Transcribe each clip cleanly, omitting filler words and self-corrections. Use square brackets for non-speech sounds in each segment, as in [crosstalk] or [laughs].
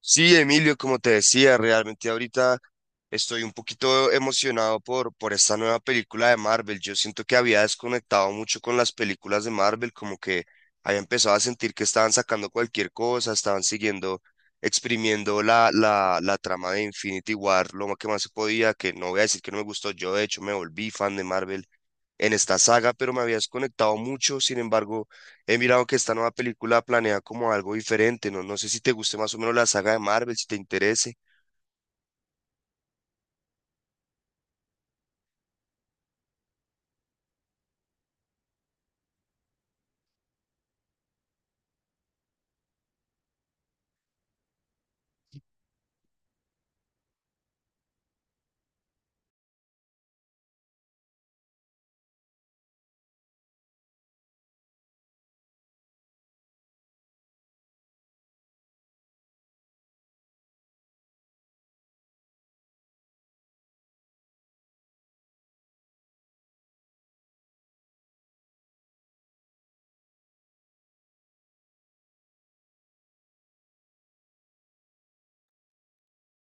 Sí, Emilio, como te decía, realmente ahorita estoy un poquito emocionado por esta nueva película de Marvel. Yo siento que había desconectado mucho con las películas de Marvel, como que había empezado a sentir que estaban sacando cualquier cosa, estaban siguiendo, exprimiendo la trama de Infinity War, lo más que más se podía, que no voy a decir que no me gustó. Yo, de hecho, me volví fan de Marvel en esta saga, pero me había desconectado mucho. Sin embargo, he mirado que esta nueva película planea como algo diferente, ¿no? No sé si te guste más o menos la saga de Marvel, si te interese.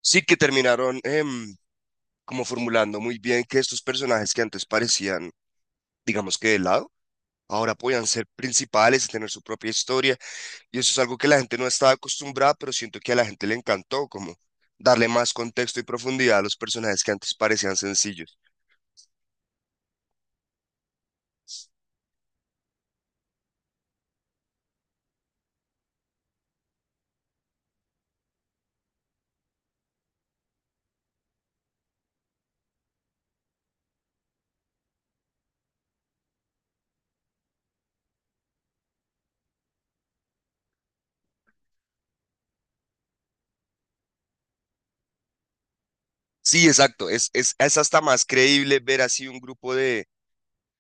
Sí, que terminaron como formulando muy bien que estos personajes que antes parecían, digamos, que de lado, ahora podían ser principales y tener su propia historia. Y eso es algo que la gente no estaba acostumbrada, pero siento que a la gente le encantó, como darle más contexto y profundidad a los personajes que antes parecían sencillos. Sí, exacto. Es hasta más creíble ver así un grupo de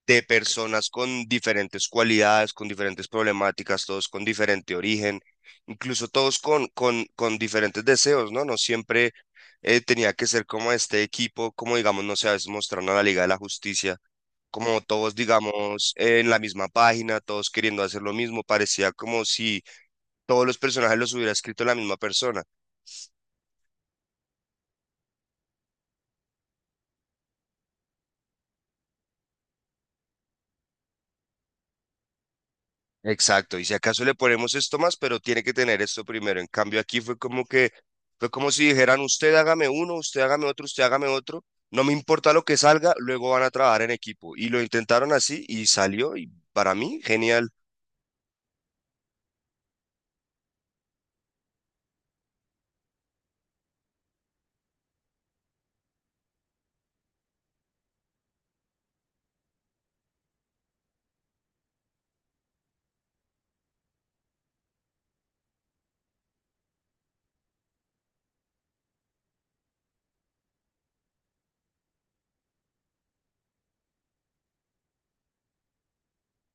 personas con diferentes cualidades, con diferentes problemáticas, todos con diferente origen, incluso todos con diferentes deseos, ¿no? No siempre tenía que ser como este equipo, como digamos, no sé, a veces mostraron a la Liga de la Justicia, como todos, digamos, en la misma página, todos queriendo hacer lo mismo, parecía como si todos los personajes los hubiera escrito la misma persona. Exacto, y si acaso le ponemos esto más, pero tiene que tener esto primero. En cambio, aquí fue como que, fue como si dijeran, usted hágame uno, usted hágame otro, no me importa lo que salga, luego van a trabajar en equipo. Y lo intentaron así y salió, y para mí, genial.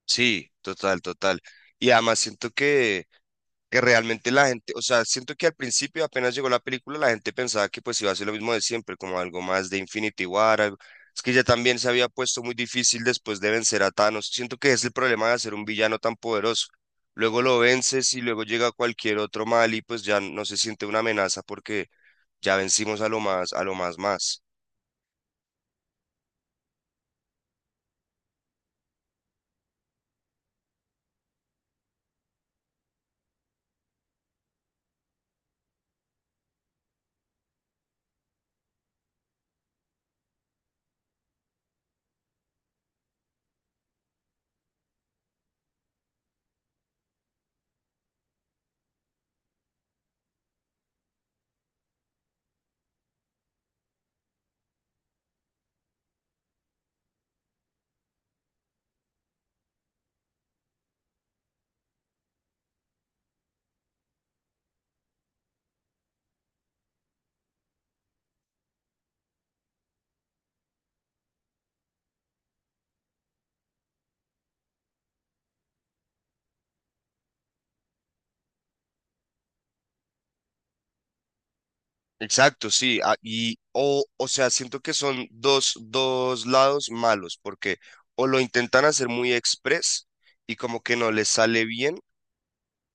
Sí, total, total. Y además siento que realmente la gente, o sea, siento que al principio apenas llegó la película, la gente pensaba que pues iba a ser lo mismo de siempre, como algo más de Infinity War, es que ya también se había puesto muy difícil después de vencer a Thanos, siento que es el problema de hacer un villano tan poderoso, luego lo vences y luego llega cualquier otro mal y pues ya no se siente una amenaza porque ya vencimos a lo más más. Exacto, sí, ah, o sea, siento que son dos lados malos, porque o lo intentan hacer muy express y como que no les sale bien,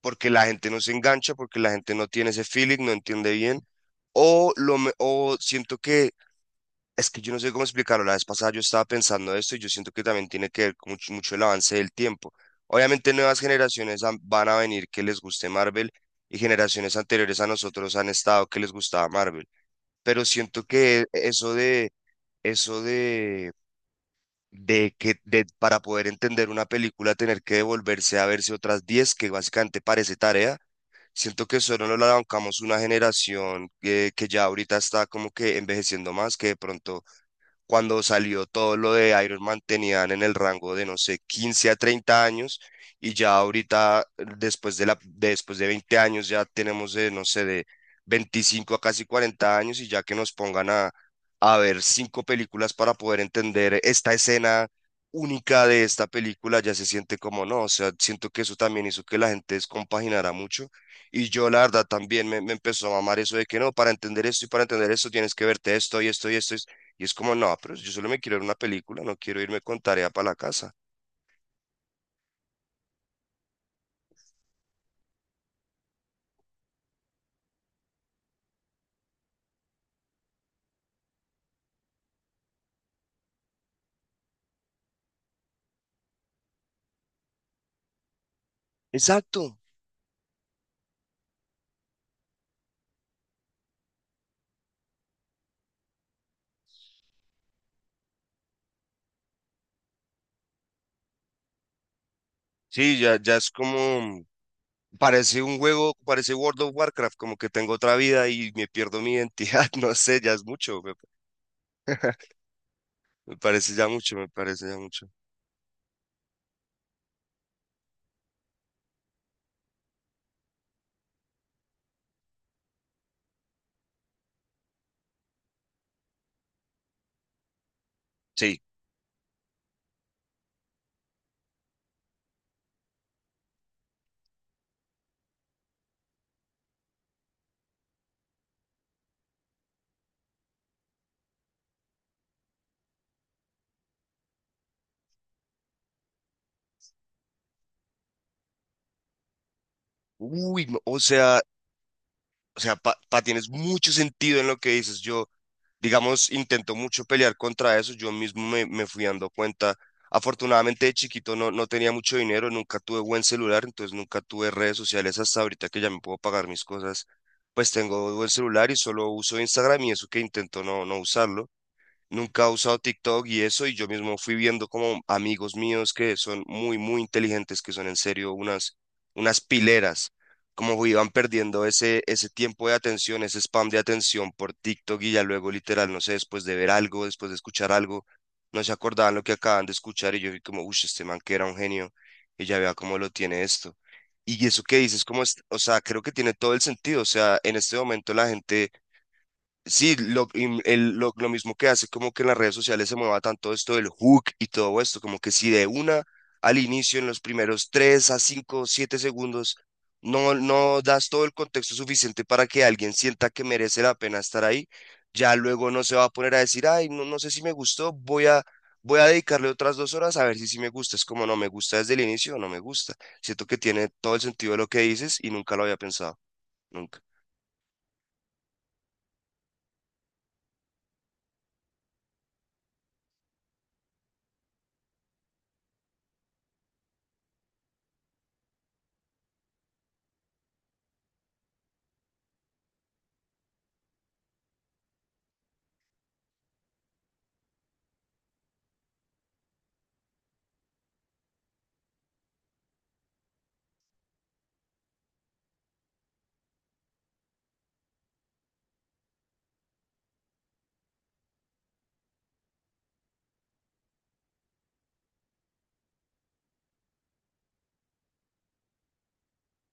porque la gente no se engancha, porque la gente no tiene ese feeling, no entiende bien, o siento que es que yo no sé cómo explicarlo, la vez pasada yo estaba pensando esto y yo siento que también tiene que ver con mucho, mucho el avance del tiempo. Obviamente nuevas van a venir que les guste Marvel y generaciones anteriores a nosotros han estado que les gustaba Marvel, pero siento que eso de para poder entender una película tener que devolverse a verse otras 10 que básicamente parece tarea, siento que solo nos la bancamos una generación que ya ahorita está como que envejeciendo más, que de pronto cuando salió todo lo de Iron Man tenían en el rango de, no sé, 15 a 30 años y ya ahorita, después de después de 20 años, ya tenemos, de, no sé, de 25 a casi 40 años, y ya que nos pongan a ver 5 películas para poder entender esta escena única de esta película, ya se siente como no, o sea, siento que eso también hizo que la gente descompaginara mucho y yo la verdad también me empezó a mamar eso de que no, para entender esto y para entender esto tienes que verte esto y esto y esto y es como, no, pero yo solo me quiero ver una película, no quiero irme con tarea para la casa. Exacto. Sí, ya, ya es como, parece un juego, parece World of Warcraft, como que tengo otra vida y me pierdo mi identidad, [laughs] no sé, ya es mucho, [laughs] me parece ya mucho, me parece ya mucho. Sí. Uy, no, o sea, tienes mucho sentido en lo que dices. Yo, digamos, intento mucho pelear contra eso, yo mismo me fui dando cuenta. Afortunadamente de chiquito no tenía mucho dinero, nunca tuve buen celular, entonces nunca tuve redes sociales hasta ahorita que ya me puedo pagar mis cosas, pues tengo buen celular y solo uso Instagram y eso que intento no usarlo. Nunca he usado TikTok y eso, y yo mismo fui viendo como amigos míos que son muy inteligentes, que son en serio unas, unas pileras, como iban perdiendo ese tiempo de atención, ese spam de atención por TikTok y ya luego literal, no sé, después de ver algo, después de escuchar algo, no se acordaban lo que acaban de escuchar y yo vi como, uff, este man que era un genio y ya vea cómo lo tiene esto. Y eso que dices, como, o sea, creo que tiene todo el sentido, o sea, en este momento la gente sí, lo, y el- lo mismo que hace como que en las redes sociales se mueva tanto esto del hook y todo esto, como que si de una al inicio, en los primeros 3 a 5 7 segundos, no das todo el contexto suficiente para que alguien sienta que merece la pena estar ahí, ya luego no se va a poner a decir, ay, no, no sé si me gustó, voy a dedicarle otras 2 horas a ver si sí me gusta, es como no me gusta desde el inicio o no me gusta. Siento que tiene todo el sentido de lo que dices y nunca lo había pensado, nunca.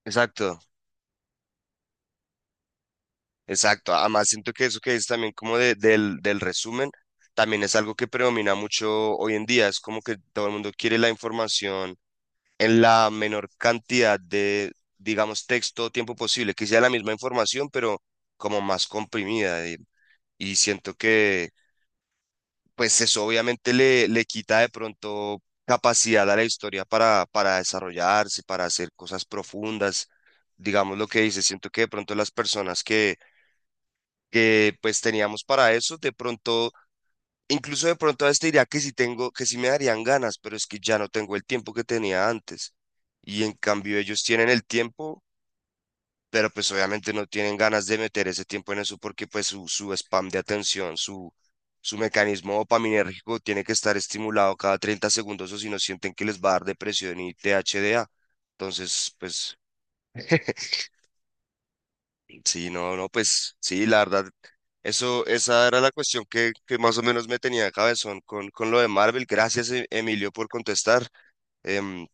Exacto. Exacto, además siento que eso que es también como del resumen, también es algo que predomina mucho hoy en día, es como que todo el mundo quiere la información en la menor cantidad de, digamos, texto o tiempo posible, que sea la misma información, pero como más comprimida, y siento que, pues eso obviamente le quita de pronto capacidad a la historia para desarrollarse, para hacer cosas profundas, digamos lo que dices. Siento que de pronto las personas que pues teníamos para eso. De pronto, incluso de pronto a este diría que sí tengo, que sí me darían ganas, pero es que ya no tengo el tiempo que tenía antes. Y en cambio ellos tienen el tiempo, pero pues obviamente no tienen ganas de meter ese tiempo en eso porque pues su spam de atención, su mecanismo dopaminérgico tiene que estar estimulado cada 30 segundos o si no sienten que les va a dar depresión y THDA. Entonces, pues... Sí, no, no, pues sí, la verdad, eso, esa era la cuestión que más o menos me tenía de cabezón con lo de Marvel. Gracias, Emilio, por contestar. Em,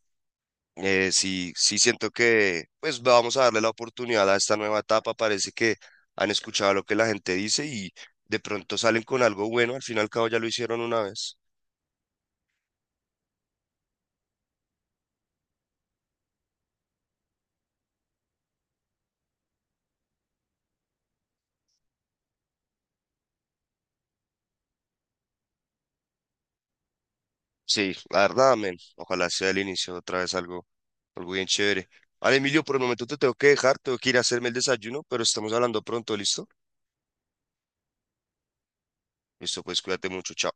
sí, sí siento que, pues vamos a darle la oportunidad a esta nueva etapa. Parece que han escuchado lo que la gente dice y de pronto salen con algo bueno. Al fin y al cabo ya lo hicieron una vez. Sí, la verdad, amén. Ojalá sea el inicio otra vez algo, algo bien chévere. Vale, Emilio, por el momento te tengo que dejar, tengo que ir a hacerme el desayuno, pero estamos hablando pronto, ¿listo? Listo, pues cuídate mucho, chao.